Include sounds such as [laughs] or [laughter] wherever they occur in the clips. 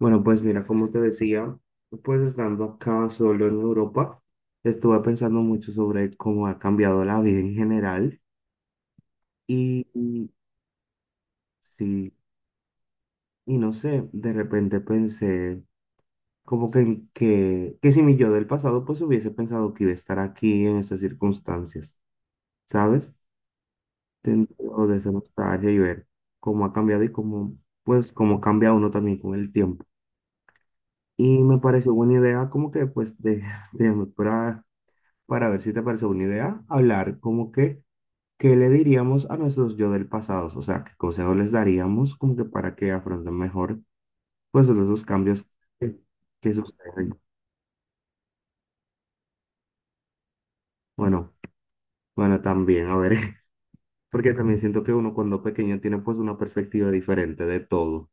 Bueno, pues mira, como te decía, pues estando acá solo en Europa, estuve pensando mucho sobre cómo ha cambiado la vida en general y sí, y no sé, de repente pensé como que si mi yo del pasado pues hubiese pensado que iba a estar aquí en estas circunstancias, ¿sabes? Dentro de esa nostalgia y ver cómo ha cambiado y cómo, pues, cómo cambia uno también con el tiempo. Y me pareció buena idea como que pues de, [laughs] de mejorar para ver si te parece una idea, hablar como que, ¿qué le diríamos a nuestros yo del pasado? O sea, ¿qué consejos les daríamos como que para que afronten mejor, pues, todos esos cambios que, que suceden? Bueno, bueno, también, a ver, [laughs] porque también siento que uno cuando pequeño tiene pues una perspectiva diferente de todo.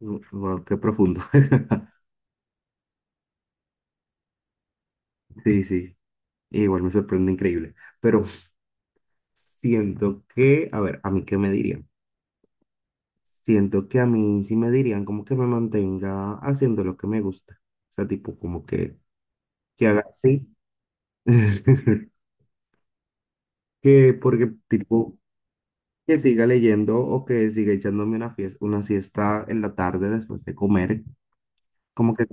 Mm, wow, qué profundo. [laughs] Sí, sí, igual me sorprende increíble, pero siento que, a ver, ¿a mí qué me diría? Siento que a mí sí me dirían como que me mantenga haciendo lo que me gusta. O sea, tipo, como que haga así. [laughs] Que porque, tipo, que siga leyendo o que siga echándome una fiesta, una siesta en la tarde después de comer. Como que,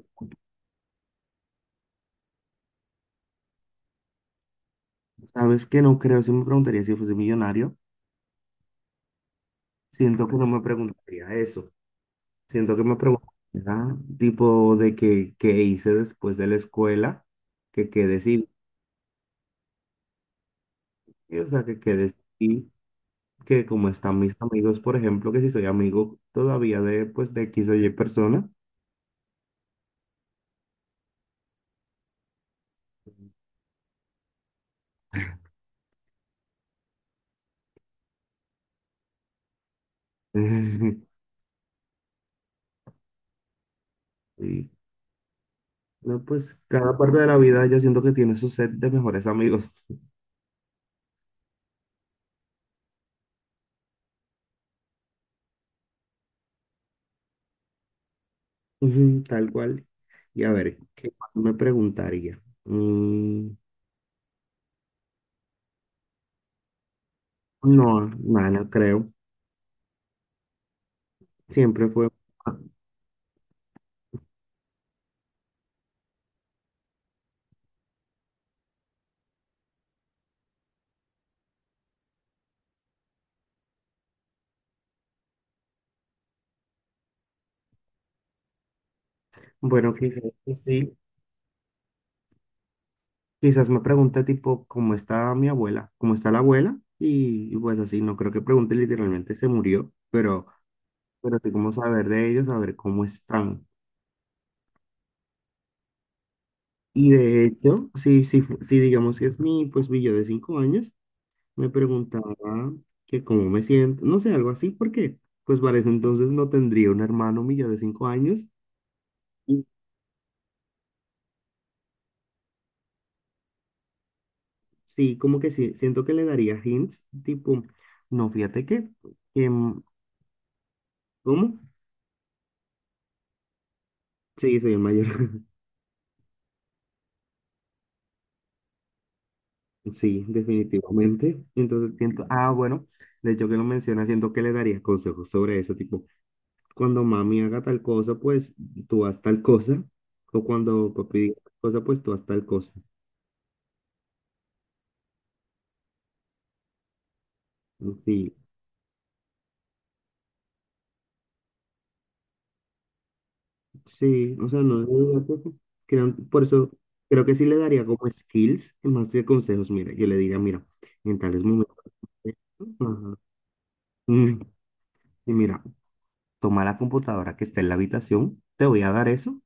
¿sabes? Que no creo, si me preguntaría si fuese millonario, siento que no me preguntaría eso. Siento que me preguntaría, tipo, de que, qué hice después de la escuela, que qué decidí, o sea, que qué decidí, que como están mis amigos, por ejemplo, que si soy amigo todavía de, pues, de X o Y persona. [laughs] Sí, no, pues cada parte de la vida yo siento que tiene su set de mejores amigos. Ujú, tal cual. Y a ver, ¿qué más me preguntaría? Mm, no, nada, no creo. Siempre fue, ah, bueno, quizás que sí, quizás me pregunte tipo, ¿cómo está mi abuela? ¿Cómo está la abuela? Y pues así, no creo que pregunte literalmente, se murió, pero... Pero como saber de ellos, saber cómo están. Y de hecho, si digamos que es mi, pues mi yo de 5 años, me preguntaba que cómo me siento, no sé, algo así, porque pues para ese entonces no tendría un hermano mi yo de 5 años. Y sí, como que sí, siento que le daría hints, tipo, no, fíjate que, que, mm, ¿cómo? Sí, soy el mayor. [laughs] Sí, definitivamente. Entonces siento, bueno, de hecho que lo menciona, siento que le daría consejos sobre eso, tipo. Cuando mami haga tal cosa, pues tú haz tal cosa, o cuando papi diga tal cosa, pues tú haz tal cosa. Sí, sí, o sea, no, no, no, no, por eso creo que sí le daría como skills, más que consejos. Mira, yo le diría, mira, en tales momentos, ajá, mm, y mira, toma la computadora que está en la habitación, te voy a dar eso,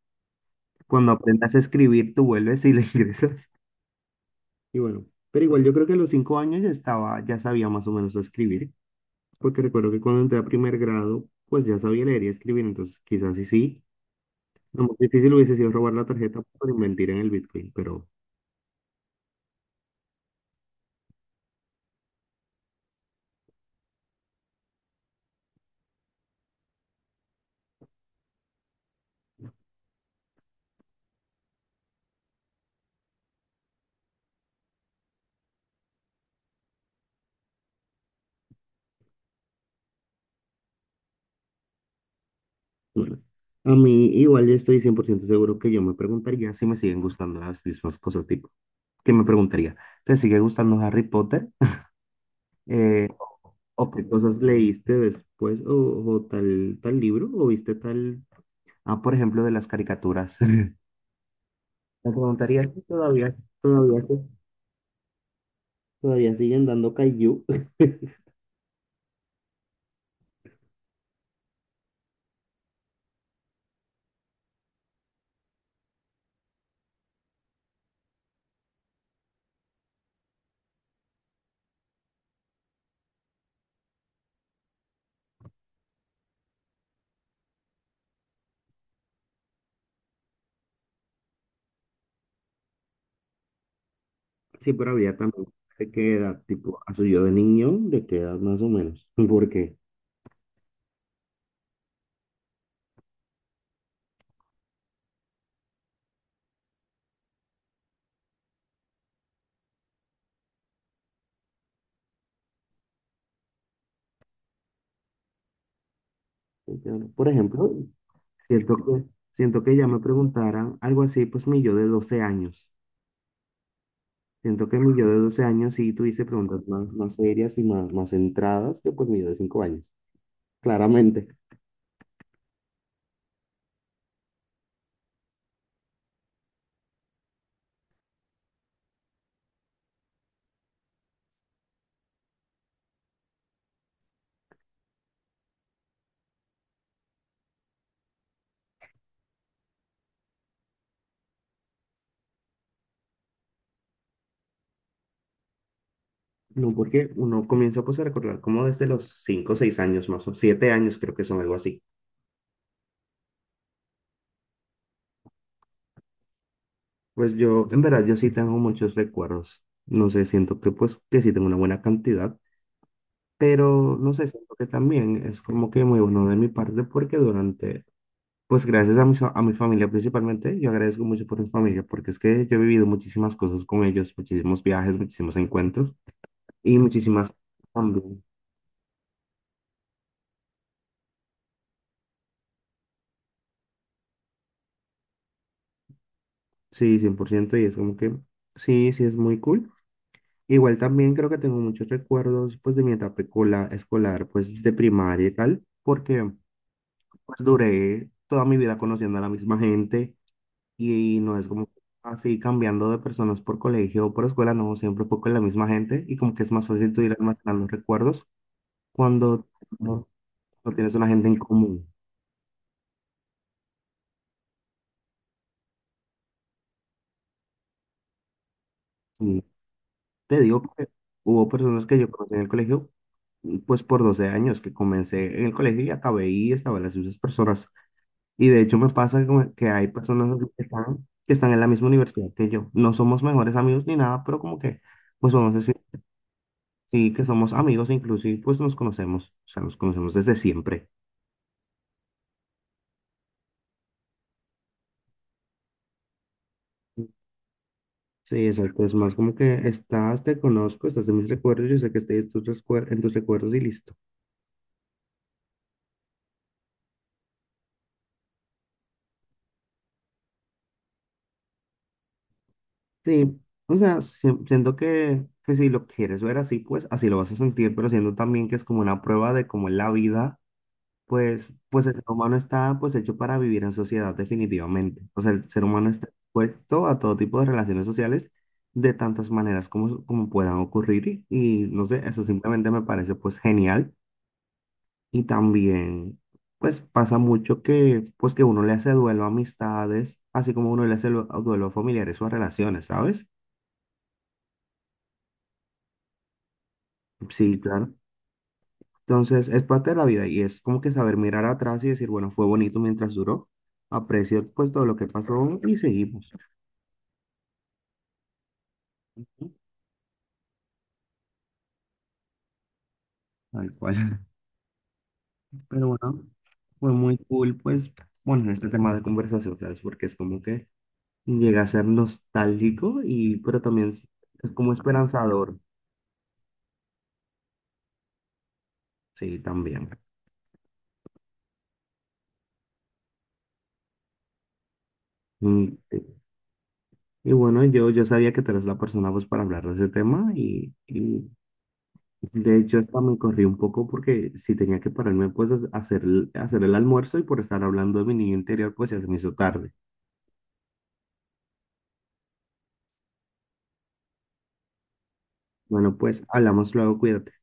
cuando aprendas a escribir, tú vuelves y le [laughs] ingresas, y bueno, pero igual yo creo que a los 5 años ya estaba, ya sabía más o menos escribir. Porque recuerdo que cuando entré a primer grado, pues ya sabía leer y escribir, entonces quizás sí sí. Lo más difícil hubiese sido robar la tarjeta para invertir en el Bitcoin, pero bueno. A mí igual yo estoy 100% seguro que yo me preguntaría si me siguen gustando las mismas cosas, tipo, que me preguntaría, ¿te sigue gustando Harry Potter? Eh, ¿O qué cosas leíste después? O tal libro? ¿O viste tal... Ah, por ejemplo, de las caricaturas. [laughs] Me preguntaría si todavía, todavía siguen dando Kaiju. [laughs] Sí, pero había también de qué edad, tipo, a su yo de niño, de qué edad más o menos. [laughs] ¿Por qué? Porque, por ejemplo, siento que, ya me preguntaran algo así, pues mi yo de 12 años. Siento que mi yo de 12 años sí tuviese preguntas más, más serias y más, más centradas que pues mi yo de 5 años, claramente. No, porque uno comienza pues a recordar como desde los 5 o 6 años más o 7 años, creo que son algo así. Pues yo, en verdad, yo sí tengo muchos recuerdos. No sé, siento que pues que sí tengo una buena cantidad. Pero no sé, siento que también es como que muy bueno de mi parte porque durante, pues gracias a mi familia principalmente, yo agradezco mucho por mi familia porque es que yo he vivido muchísimas cosas con ellos, muchísimos viajes, muchísimos encuentros y muchísimas también. Sí, cien por ciento, y es como que sí, sí es muy cool. Igual también creo que tengo muchos recuerdos pues de mi etapa escolar, pues de primaria y tal, porque pues duré toda mi vida conociendo a la misma gente. Y no es como así cambiando de personas por colegio o por escuela, no, siempre fue con la misma gente y como que es más fácil tú ir almacenando recuerdos cuando no, no tienes una gente en común. Y te digo que hubo personas que yo conocí en el colegio, y pues por 12 años que comencé en el colegio y acabé y estaba las mismas personas. Y de hecho me pasa como que hay personas así que están en la misma universidad que yo. No somos mejores amigos ni nada, pero como que pues vamos a... Sí, que somos amigos, inclusive, pues nos conocemos, o sea, nos conocemos desde siempre. Sí, exacto, es más como que estás, te conozco, estás en mis recuerdos, yo sé que estoy en en tus recuerdos y listo. Sí, o sea, siento que, si lo quieres ver así, pues así lo vas a sentir, pero siento también que es como una prueba de cómo es la vida. Pues el ser humano está pues hecho para vivir en sociedad definitivamente. O sea, el ser humano está expuesto a todo tipo de relaciones sociales de tantas maneras como puedan ocurrir, y no sé, eso simplemente me parece pues genial. Y también pues pasa mucho que pues que uno le hace duelo a amistades, así como uno le hace duelo a familiares o a relaciones, ¿sabes? Sí, claro. Entonces es parte de la vida y es como que saber mirar atrás y decir, bueno, fue bonito mientras duró, aprecio pues todo lo que pasó y seguimos. Ujú, tal cual. [laughs] Pero bueno, fue muy cool, pues, bueno, este tema de conversación, ¿sabes? Porque es como que llega a ser nostálgico, y, pero también es como esperanzador, sí, también. Mm, sí. Y bueno, yo, sabía que tú eres la persona, pues, para hablar de ese tema, y de hecho, hasta me corrí un poco porque si tenía que pararme, pues, a hacer, a hacer el almuerzo, y por estar hablando de mi niño interior, pues, ya se me hizo tarde. Bueno, pues, hablamos luego, cuídate.